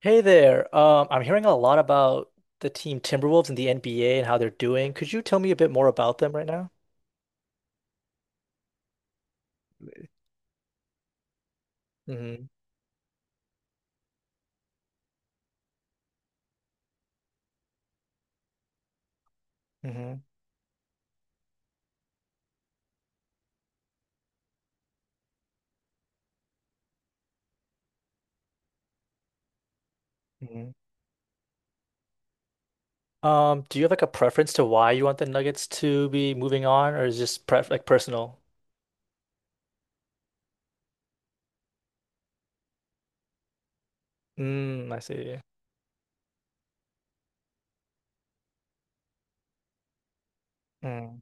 Hey there. I'm hearing a lot about the team Timberwolves in the NBA and how they're doing. Could you tell me a bit more about them right now? Mm-hmm. Mm-hmm. hmm do you have like a preference to why you want the Nuggets to be moving on, or is it just pref like personal? Mm, I see. Mm.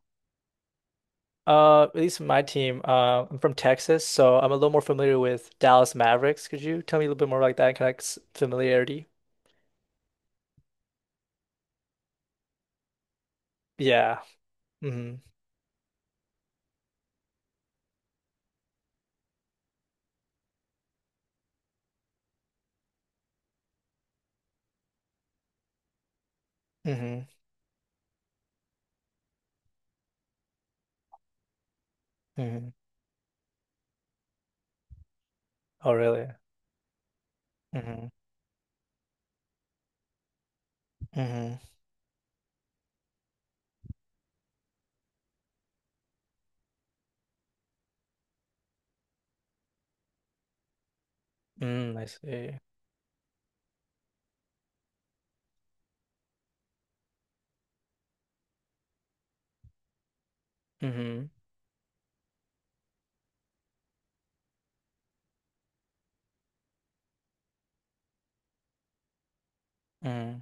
At least for my team, I'm from Texas, so I'm a little more familiar with Dallas Mavericks. Could you tell me a little bit more like that kind of like, familiarity? Yeah. Mm-hmm. Mm-hmm. Mm-hmm. Oh, really? Mm-hmm. Mm-hmm. Mm, I see. Mm-hmm. Mm-hmm.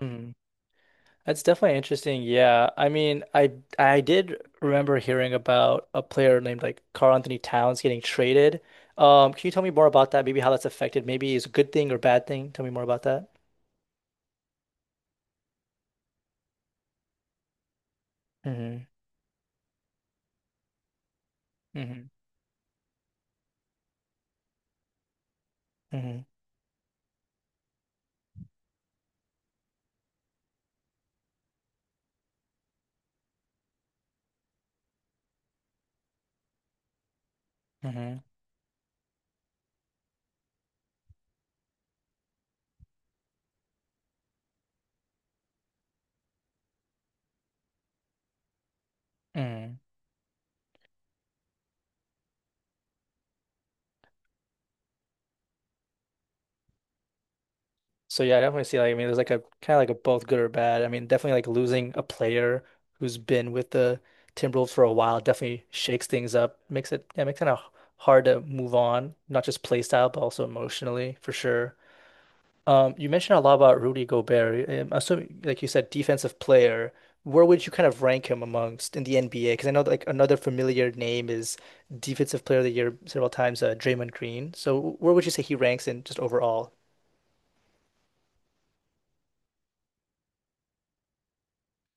Mm-hmm. That's definitely interesting. Yeah. I mean, I did remember hearing about a player named like Carl Anthony Towns getting traded. Can you tell me more about that? Maybe how that's affected. Maybe it's a good thing or bad thing. Tell me more about that. Mm-hmm. Mm-hmm. Mm-hmm. Mm-hmm. So yeah, I definitely see like I mean there's like a kind of like a both good or bad. I mean, definitely like losing a player who's been with the Timberwolves for a while definitely shakes things up, makes it yeah, makes it kind of hard to move on, not just play style, but also emotionally for sure. You mentioned a lot about Rudy Gobert. I'm assuming, like you said, defensive player. Where would you kind of rank him amongst in the NBA? Because I know like another familiar name is Defensive Player of the Year several times, Draymond Green. So where would you say he ranks in just overall?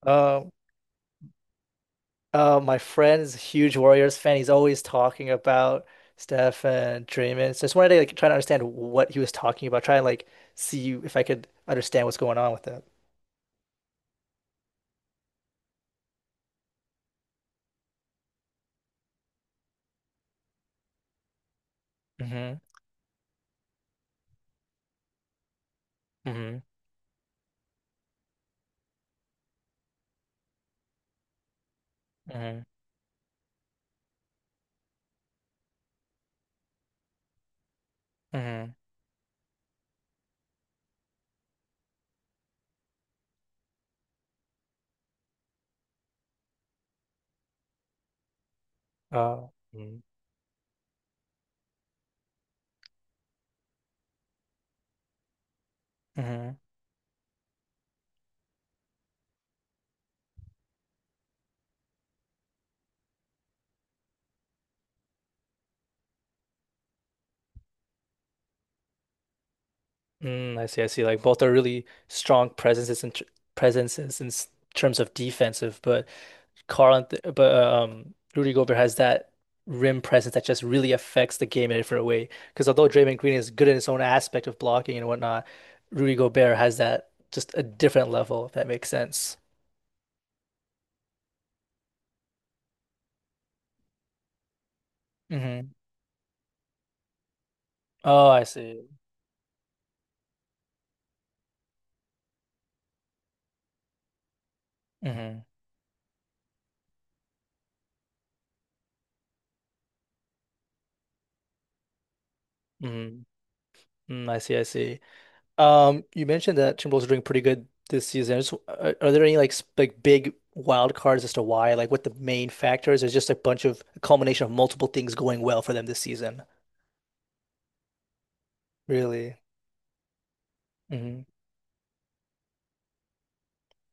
Um. My friend's a huge Warriors fan. He's always talking about Steph and Draymond. So I just wanted to like try to understand what he was talking about, try and like see if I could understand what's going on with it. Mm-hmm. Mm-hmm. Mm-hmm. Mm-hmm. Oh. Mm-hmm. Mm, I see. I see. Like both are really strong presences and presences in terms of defensive, but Rudy Gobert has that rim presence that just really affects the game in a different way. Because although Draymond Green is good in his own aspect of blocking and whatnot, Rudy Gobert has that just a different level, if that makes sense. Hmm Oh, I see. Hmm hmm Mm, I see. I see. You mentioned that Timberwolves are doing pretty good this season. Are there any like like big wild cards as to why, like what the main factors is? Just a bunch of a culmination of multiple things going well for them this season. Really. Hmm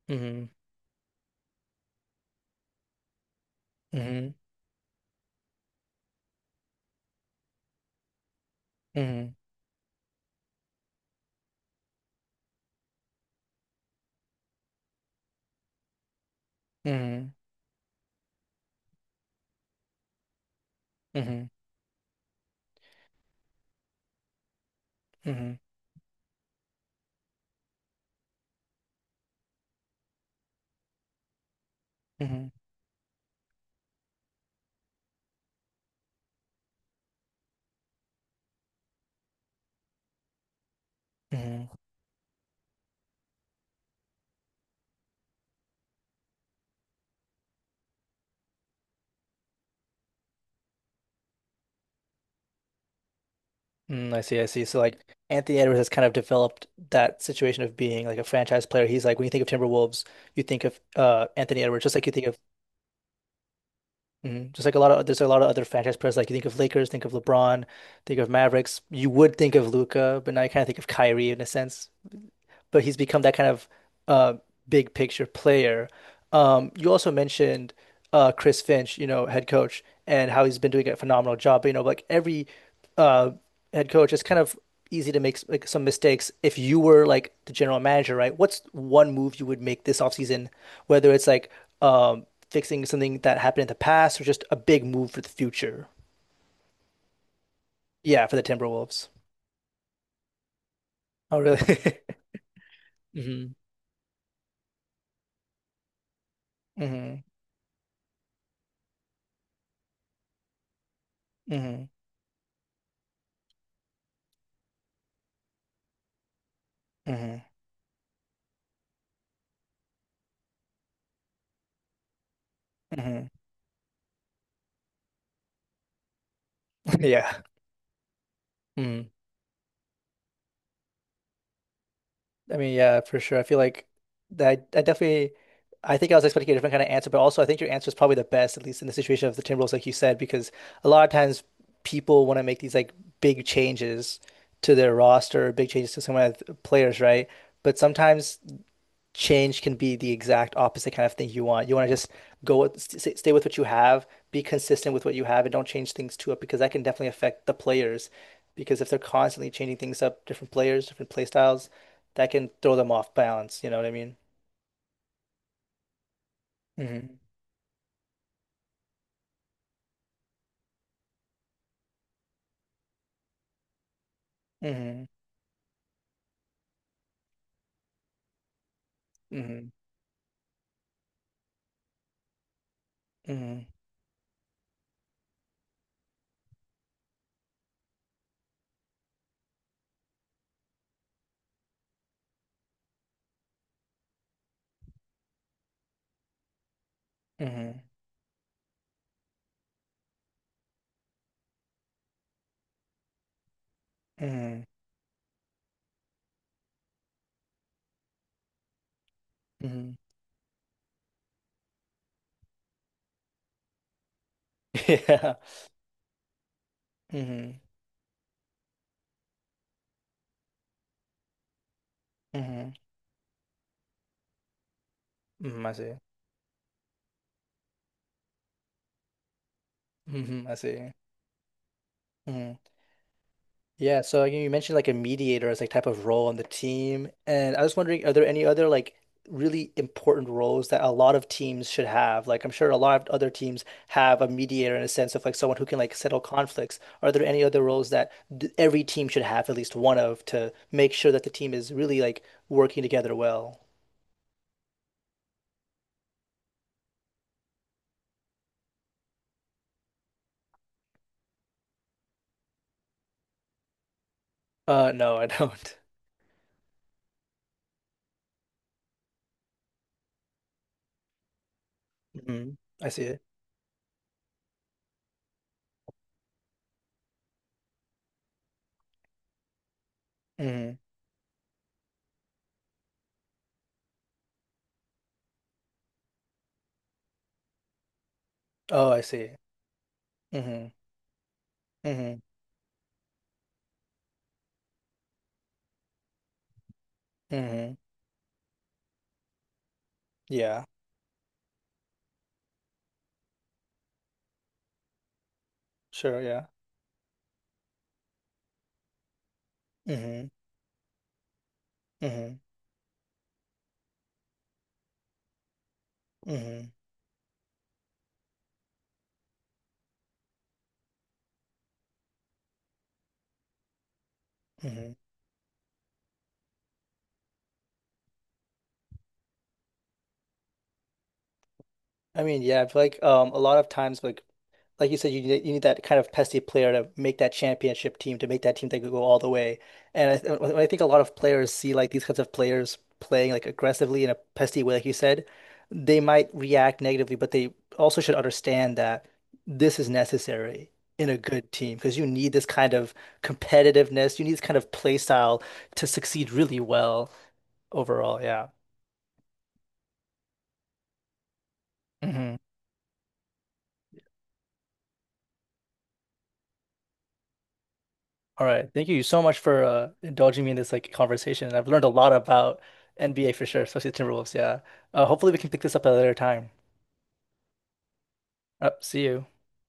hmm hmm hmm hmm hmm hmm hmm hmm Mm, I see, I see. So like Anthony Edwards has kind of developed that situation of being like a franchise player. He's like when you think of Timberwolves, you think of Anthony Edwards, just like you think of hmm. Just like a lot of there's a lot of other franchise players. Like you think of Lakers, think of LeBron, think of Mavericks. You would think of Luca, but now you kind of think of Kyrie in a sense, but he's become that kind of uh, big picture player. You also mentioned Chris Finch, you know, head coach, and how he's been doing a phenomenal job. But, you know, like every uh, head coach, it's kind of easy to make like some mistakes. If you were like the general manager, right? What's one move you would make this offseason, whether it's like fixing something that happened in the past or just a big move for the future? Yeah, for the Timberwolves. Oh, really? hmm hmm hmm hmm hmm Yeah. Mhm. I mean, yeah, for sure. I feel like that I definitely I think I was expecting a different kind of answer, but also I think your answer is probably the best, at least in the situation of the Timberwolves, like you said, because a lot of times people want to make these like big changes to their roster, big changes to some of the players, right? But sometimes change can be the exact opposite kind of thing you want. You want to just go with, st stay with what you have, be consistent with what you have, and don't change things too up because that can definitely affect the players. Because if they're constantly changing things up, different players, different play styles, that can throw them off balance. You know what I mean? Mm-hmm. Mm-hmm. Mm-hmm. Mm-hmm. Mm-hmm. Mm-hmm. Mm-hmm. Yeah. Mm-hmm. Mm-hmm. Mm-hmm. I see. Mm-hmm. I see. Mm-hmm. Yeah, so you mentioned like a mediator as like type of role on the team, and I was wondering, are there any other like really important roles that a lot of teams should have? Like I'm sure a lot of other teams have a mediator in a sense of like someone who can like settle conflicts. Are there any other roles that th every team should have at least one of to make sure that the team is really like working together well? No, I don't. Hmm I see it. Hmm Oh, I see. Hmm hmm hmm Yeah, sure. Yeah. hmm hmm hmm hmm I mean, yeah, I feel like a lot of times like you said, you need that kind of pesky player to make that championship team, to make that team that could go all the way. And I think a lot of players see like these kinds of players playing like aggressively in a pesky way, like you said, they might react negatively, but they also should understand that this is necessary in a good team because you need this kind of competitiveness, you need this kind of play style to succeed really well overall. Yeah. Mhm. All right. Thank you so much for indulging me in this like conversation. I've learned a lot about NBA for sure, especially the Timberwolves. Yeah. Hopefully we can pick this up at a later time. See you.